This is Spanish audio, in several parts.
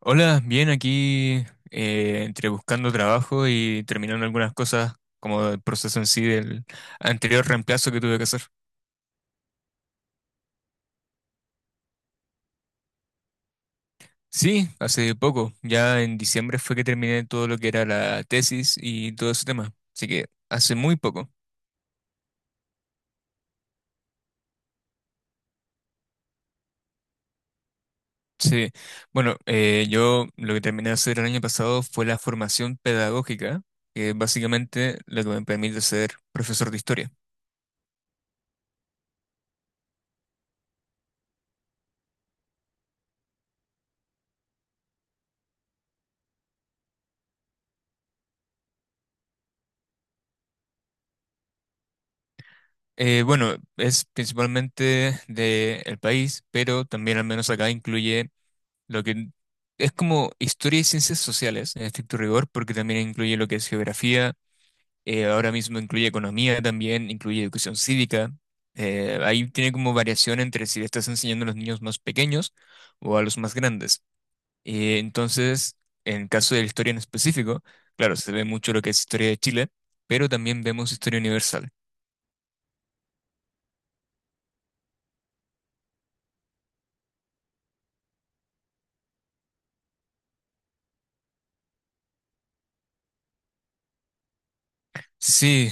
Hola, bien, aquí, entre buscando trabajo y terminando algunas cosas como el proceso en sí del anterior reemplazo que tuve que hacer. Sí, hace poco, ya en diciembre fue que terminé todo lo que era la tesis y todo ese tema, así que hace muy poco. Sí, bueno, yo lo que terminé de hacer el año pasado fue la formación pedagógica, que es básicamente lo que me permite ser profesor de historia. Bueno, es principalmente del país, pero también al menos acá incluye lo que es como historia y ciencias sociales, en estricto rigor, porque también incluye lo que es geografía, ahora mismo incluye economía también, incluye educación cívica. Ahí tiene como variación entre si le estás enseñando a los niños más pequeños o a los más grandes. Entonces, en caso de la historia en específico, claro, se ve mucho lo que es historia de Chile, pero también vemos historia universal. Sí,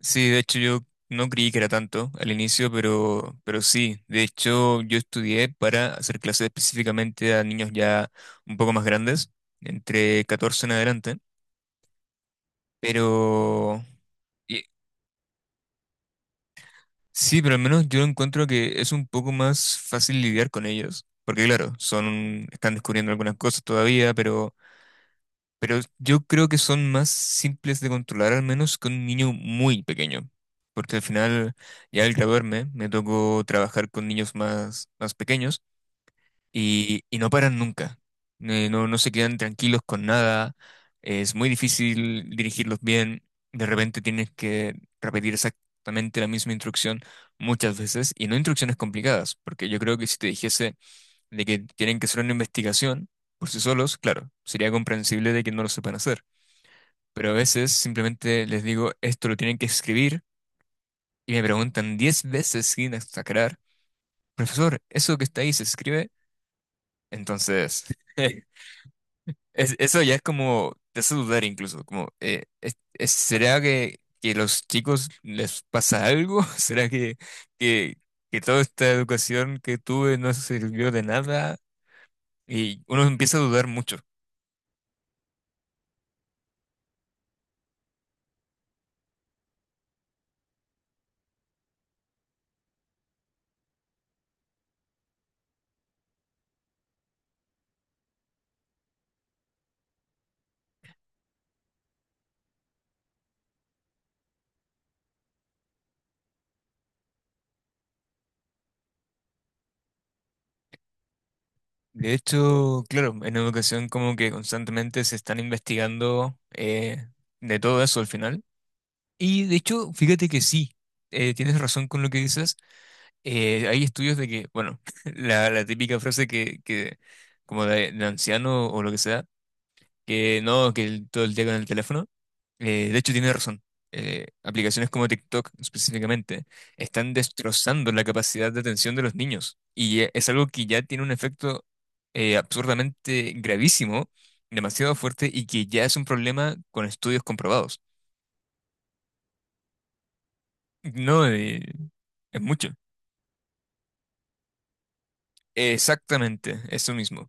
sí, de hecho yo no creí que era tanto al inicio, pero sí. De hecho yo estudié para hacer clases específicamente a niños ya un poco más grandes, entre 14 en adelante. Pero y- sí, pero al menos yo encuentro que es un poco más fácil lidiar con ellos. Porque claro, son, están descubriendo algunas cosas todavía, pero... Pero yo creo que son más simples de controlar, al menos que un niño muy pequeño. Porque al final, ya al graduarme, me tocó trabajar con niños más, más pequeños y no paran nunca. No, no se quedan tranquilos con nada. Es muy difícil dirigirlos bien. De repente tienes que repetir exactamente la misma instrucción muchas veces y no instrucciones complicadas. Porque yo creo que si te dijese de que tienen que hacer una investigación por sí solos, claro, sería comprensible de que no lo sepan hacer, pero a veces simplemente les digo, esto lo tienen que escribir y me preguntan 10 veces sin exagerar, profesor, ¿eso que está ahí se escribe? Entonces, eso ya es como, te hace dudar incluso, como, ¿será que los chicos les pasa algo? ¿Será que, que toda esta educación que tuve no sirvió de nada? Y uno empieza a dudar mucho. De hecho, claro, en educación como que constantemente se están investigando de todo eso al final. Y de hecho, fíjate que sí, tienes razón con lo que dices. Hay estudios de que, bueno, la típica frase que como de anciano o lo que sea, que no, todo el día con el teléfono. De hecho, tiene razón. Aplicaciones como TikTok específicamente están destrozando la capacidad de atención de los niños y es algo que ya tiene un efecto absurdamente gravísimo, demasiado fuerte y que ya es un problema con estudios comprobados. No, es mucho. Exactamente, eso mismo.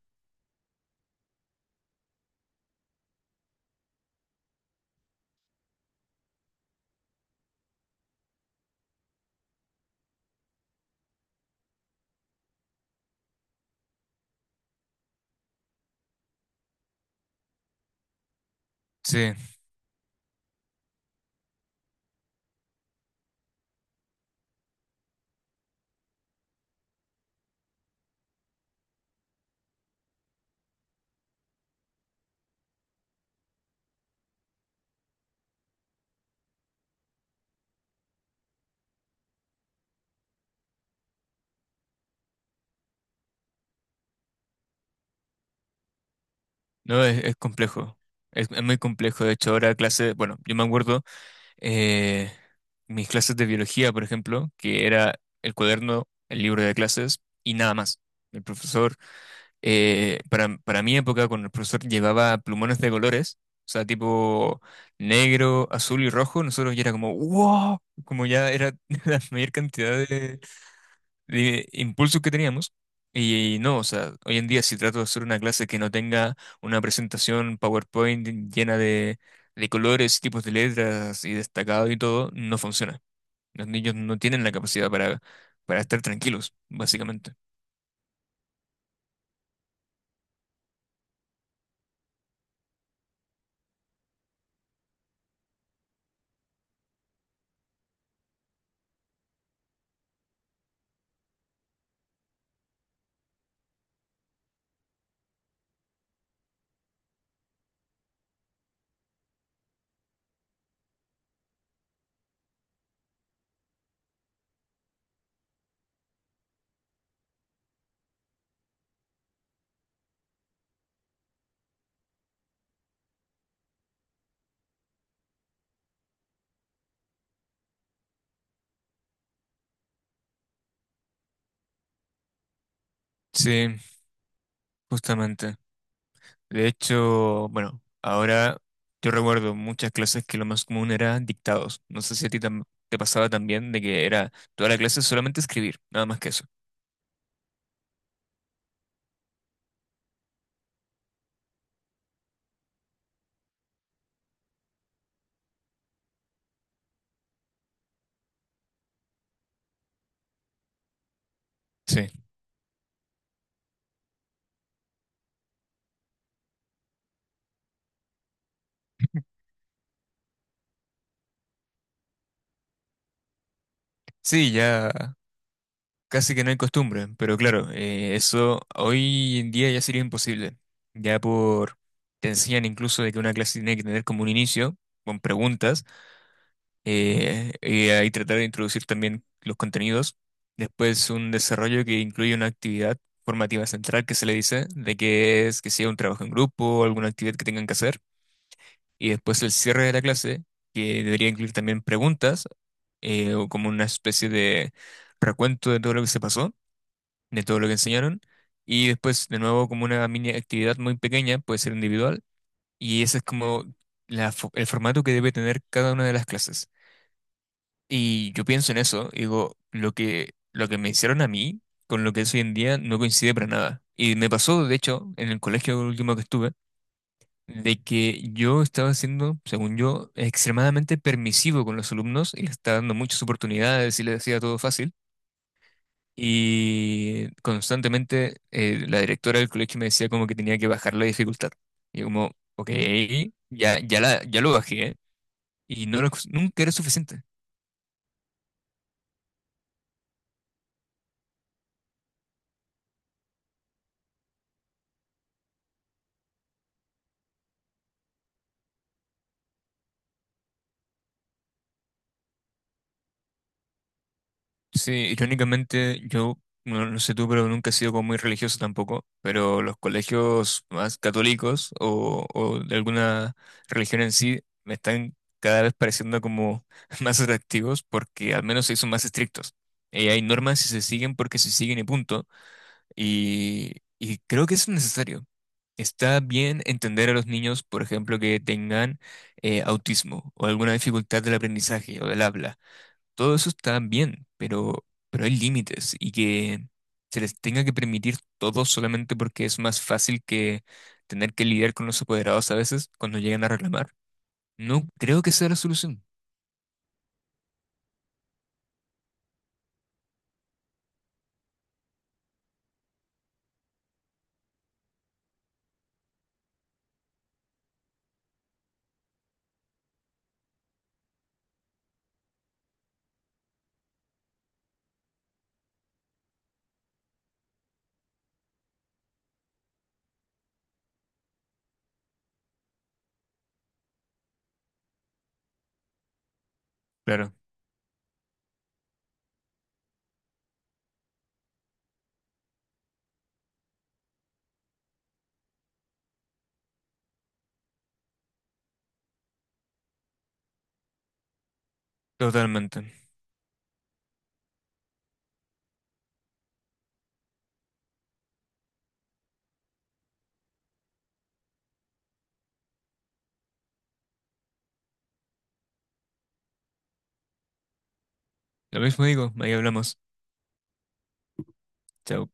Sí, no, es complejo. Es muy complejo. De hecho, ahora clase, bueno, yo me acuerdo. eh, Mis clases de biología, por ejemplo, que era el cuaderno, el libro de clases y nada más. El profesor, para mi época, cuando el profesor llevaba plumones de colores, o sea, tipo negro, azul y rojo, nosotros ya era como, wow, como ya era la mayor cantidad de impulsos que teníamos. Y, no, o sea, hoy en día si trato de hacer una clase que no tenga una presentación PowerPoint llena de colores, tipos de letras y destacado y todo, no funciona. Los niños no tienen la capacidad para estar tranquilos, básicamente. Sí, justamente. De hecho, bueno, ahora yo recuerdo muchas clases que lo más común era dictados. No sé si a ti te pasaba también de que era toda la clase solamente escribir, nada más que eso. Sí. Sí, ya. Casi que no hay costumbre, pero claro, eso hoy en día ya sería imposible. Ya por, te enseñan incluso de que una clase tiene que tener como un inicio, con preguntas, y ahí tratar de introducir también los contenidos. Después un desarrollo que incluye una actividad formativa central que se le dice, de que es que sea un trabajo en grupo o alguna actividad que tengan que hacer. Y después el cierre de la clase, que debería incluir también preguntas, o como una especie de recuento de todo lo que se pasó de todo lo que enseñaron. Y después, de nuevo, como una mini actividad muy pequeña, puede ser individual. Y ese es como la el formato que debe tener cada una de las clases. Y yo pienso en eso, y digo, lo que me hicieron a mí con lo que es hoy en día no coincide para nada. Y me pasó, de hecho, en el colegio último que estuve, de que yo estaba siendo, según yo, extremadamente permisivo con los alumnos y les estaba dando muchas oportunidades y les hacía todo fácil. Y constantemente la directora del colegio me decía como que tenía que bajar la dificultad. Y yo como, ok, ya, ya, la, ya lo bajé. ¿Eh? Y nunca era suficiente. Sí, irónicamente yo, no, no sé tú, pero nunca he sido como muy religioso tampoco. Pero los colegios más católicos o de alguna religión en sí me están cada vez pareciendo como más atractivos porque al menos se son más estrictos. Hay normas y se siguen porque se siguen y punto. Y, y creo que es necesario. Está bien entender a los niños, por ejemplo, que tengan autismo o alguna dificultad del aprendizaje o del habla. Todo eso está bien, pero hay límites y que se les tenga que permitir todo solamente porque es más fácil que tener que lidiar con los apoderados a veces cuando llegan a reclamar. No creo que sea la solución. Claro, totalmente. Lo mismo digo, ahí hablamos. Chao.